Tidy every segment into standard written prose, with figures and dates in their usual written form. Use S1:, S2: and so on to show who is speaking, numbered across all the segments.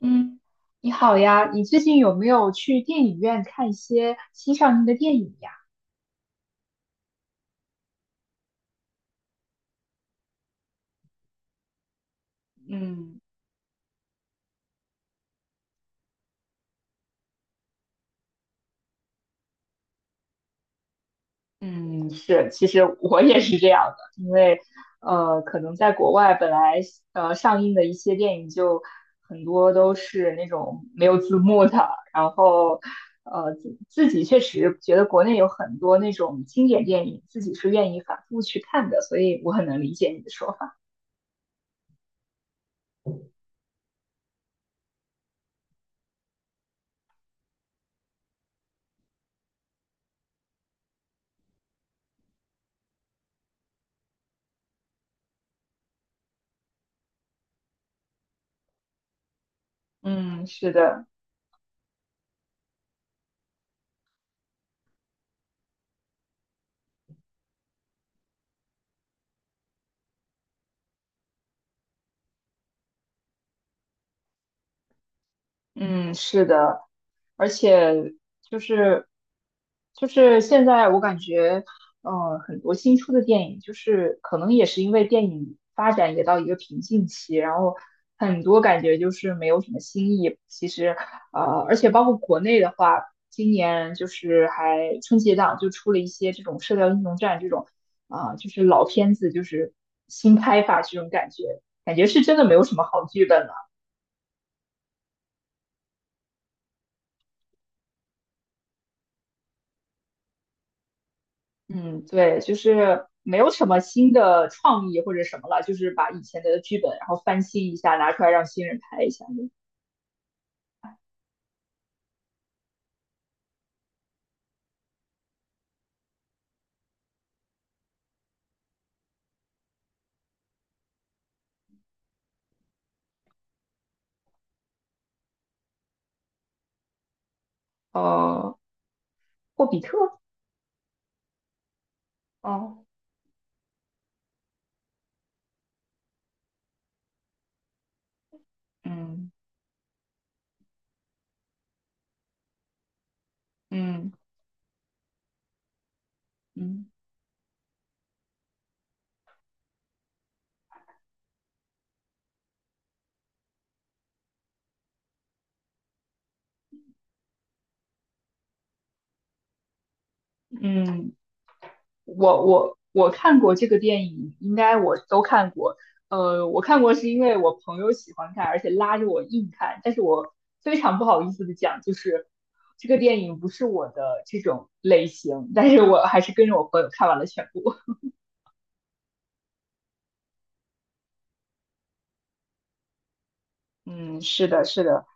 S1: 嗯，你好呀，你最近有没有去电影院看一些新上映的电影呀？嗯嗯，是，其实我也是这样的，因为可能在国外本来上映的一些电影就很多都是那种没有字幕的，然后自己确实觉得国内有很多那种经典电影，自己是愿意反复去看的，所以我很能理解你的说法。嗯，是的。嗯，是的，而且就是就是现在我感觉，很多新出的电影，就是可能也是因为电影发展也到一个瓶颈期，然后很多感觉就是没有什么新意。其实，呃，而且包括国内的话，今年就是还春节档就出了一些这种《射雕英雄传》这种，啊、就是老片子，就是新拍法这种感觉，感觉是真的没有什么好剧本了。嗯，对，就是没有什么新的创意或者什么了，就是把以前的剧本然后翻新一下，拿出来让新人拍一下。呃，霍比特，哦，嗯嗯嗯嗯，我看过这个电影，应该我都看过。呃，我看过是因为我朋友喜欢看，而且拉着我硬看，但是我非常不好意思的讲，就是这个电影不是我的这种类型，但是我还是跟着我朋友看完了全部。嗯，是的，是的，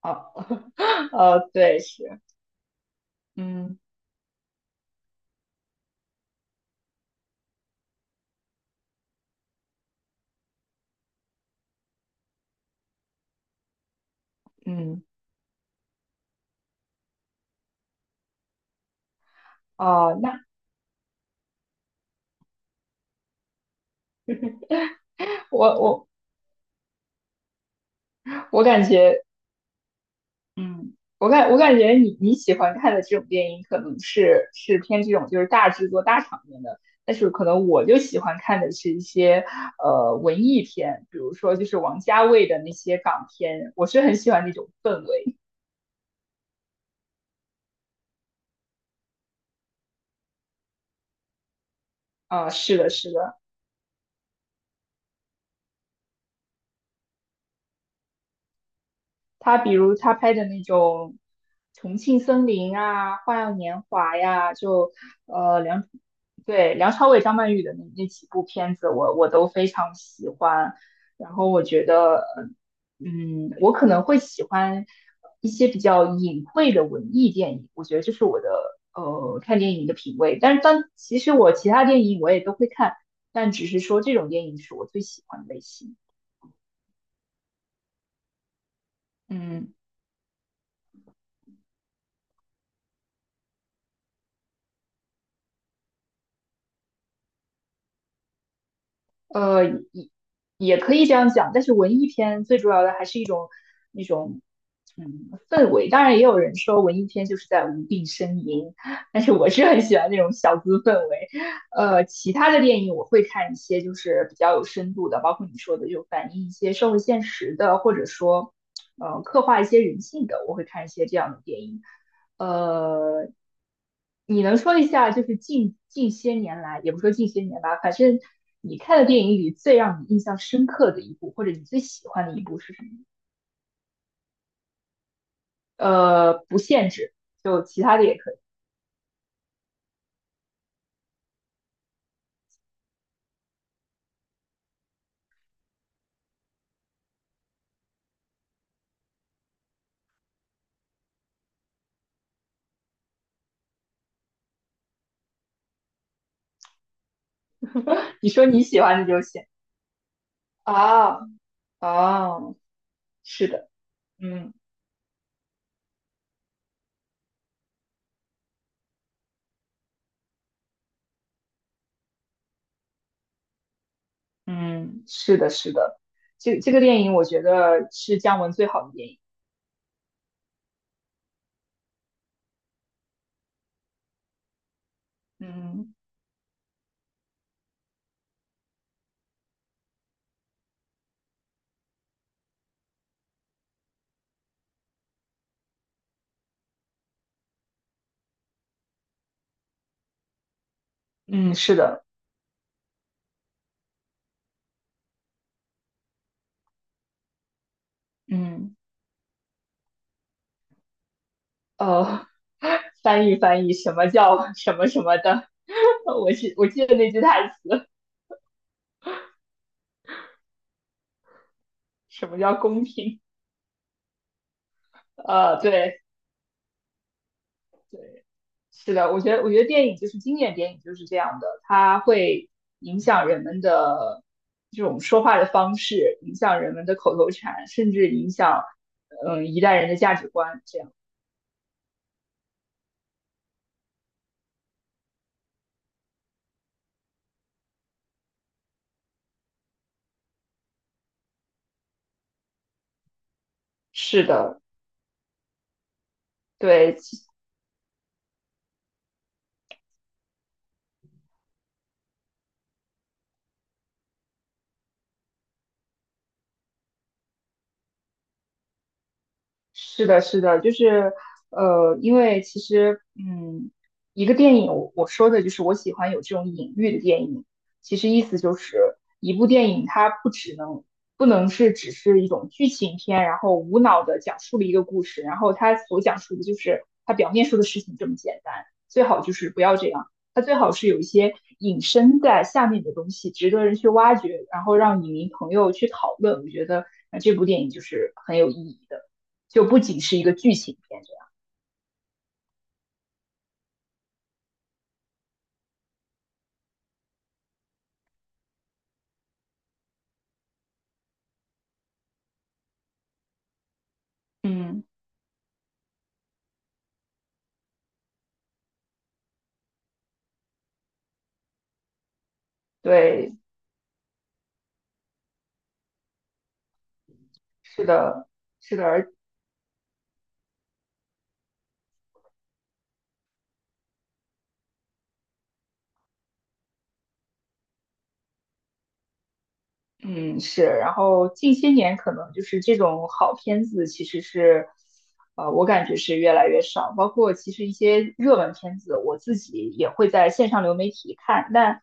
S1: 啊，呃，对，是，嗯，嗯哦，那我我我感觉，我感觉你喜欢看的这种电影，可能是偏这种就是大制作、大场面的，但是可能我就喜欢看的是一些文艺片，比如说就是王家卫的那些港片，我是很喜欢那种氛围。啊，是的，是的。他比如他拍的那种《重庆森林》啊，《花样年华》呀，就呃梁对梁朝伟、张曼玉的那几部片子我，我都非常喜欢。然后我觉得，嗯，我可能会喜欢一些比较隐晦的文艺电影，我觉得这是我的看电影的品味。但是其实我其他电影我也都会看，但只是说这种电影是我最喜欢的类型。嗯。呃，也也可以这样讲，但是文艺片最主要的还是一种那种氛围。当然，也有人说文艺片就是在无病呻吟，但是我是很喜欢那种小资氛围。其他的电影我会看一些就是比较有深度的，包括你说的就反映一些社会现实的，或者说刻画一些人性的，我会看一些这样的电影。呃，你能说一下，就是近些年来，也不说近些年吧，反正你看的电影里最让你印象深刻的一部，或者你最喜欢的一部是什么？呃，不限制，就其他的也可以。你说你喜欢的就行。啊啊，是的，嗯嗯，是的，是的，这个电影我觉得是姜文最好的电影。嗯嗯，是的，嗯呃，翻译翻译，什么叫什么什么的？我记得那句台词，什么叫公平？呃，对，是的，我觉得电影就是经典电影就是这样的，它会影响人们的这种说话的方式，影响人们的口头禅，甚至影响一代人的价值观。这样是的，对，是的，是的，就是因为其实一个电影，我说的就是我喜欢有这种隐喻的电影。其实意思就是一部电影，它不能是只是一种剧情片，然后无脑的讲述了一个故事，然后它所讲述的就是它表面说的事情这么简单。最好就是不要这样，它最好是有一些隐身在下面的东西，值得人去挖掘，然后让影迷朋友去讨论。我觉得这部电影就是很有意义的。就不仅是一个剧情片这样。嗯，对，是的，是的，而嗯，是，然后近些年可能就是这种好片子，其实是，我感觉是越来越少。包括其实一些热门片子，我自己也会在线上流媒体看。但，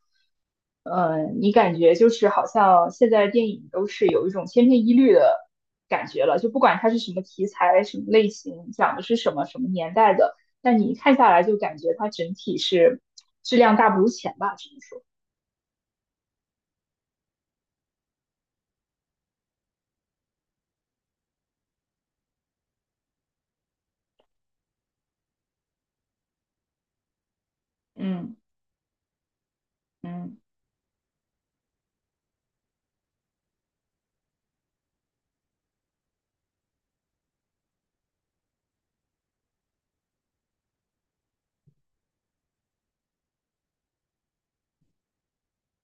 S1: 你感觉就是好像现在电影都是有一种千篇一律的感觉了，就不管它是什么题材、什么类型、讲的是什么、什么年代的，但你一看下来就感觉它整体是质量大不如前吧，只能说。嗯嗯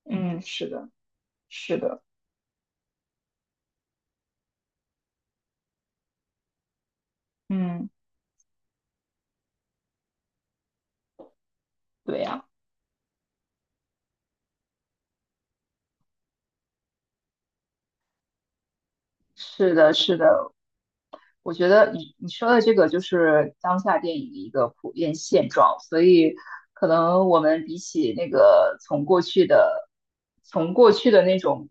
S1: 嗯，是的，是的。嗯，对呀，是的，是的，我觉得你说的这个就是当下电影的一个普遍现状，所以可能我们比起那个从过去的那种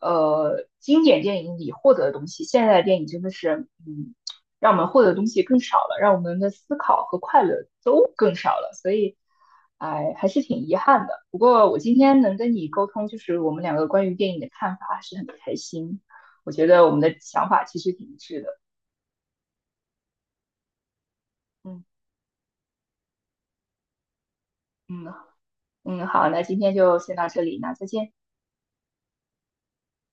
S1: 经典电影里获得的东西，现在的电影真的是让我们获得的东西更少了，让我们的思考和快乐都更少了，所以哎还是挺遗憾的。不过我今天能跟你沟通，就是我们两个关于电影的看法，还是很开心。我觉得我们的想法其实挺一致的。嗯嗯嗯，好，那今天就先到这里，那再见。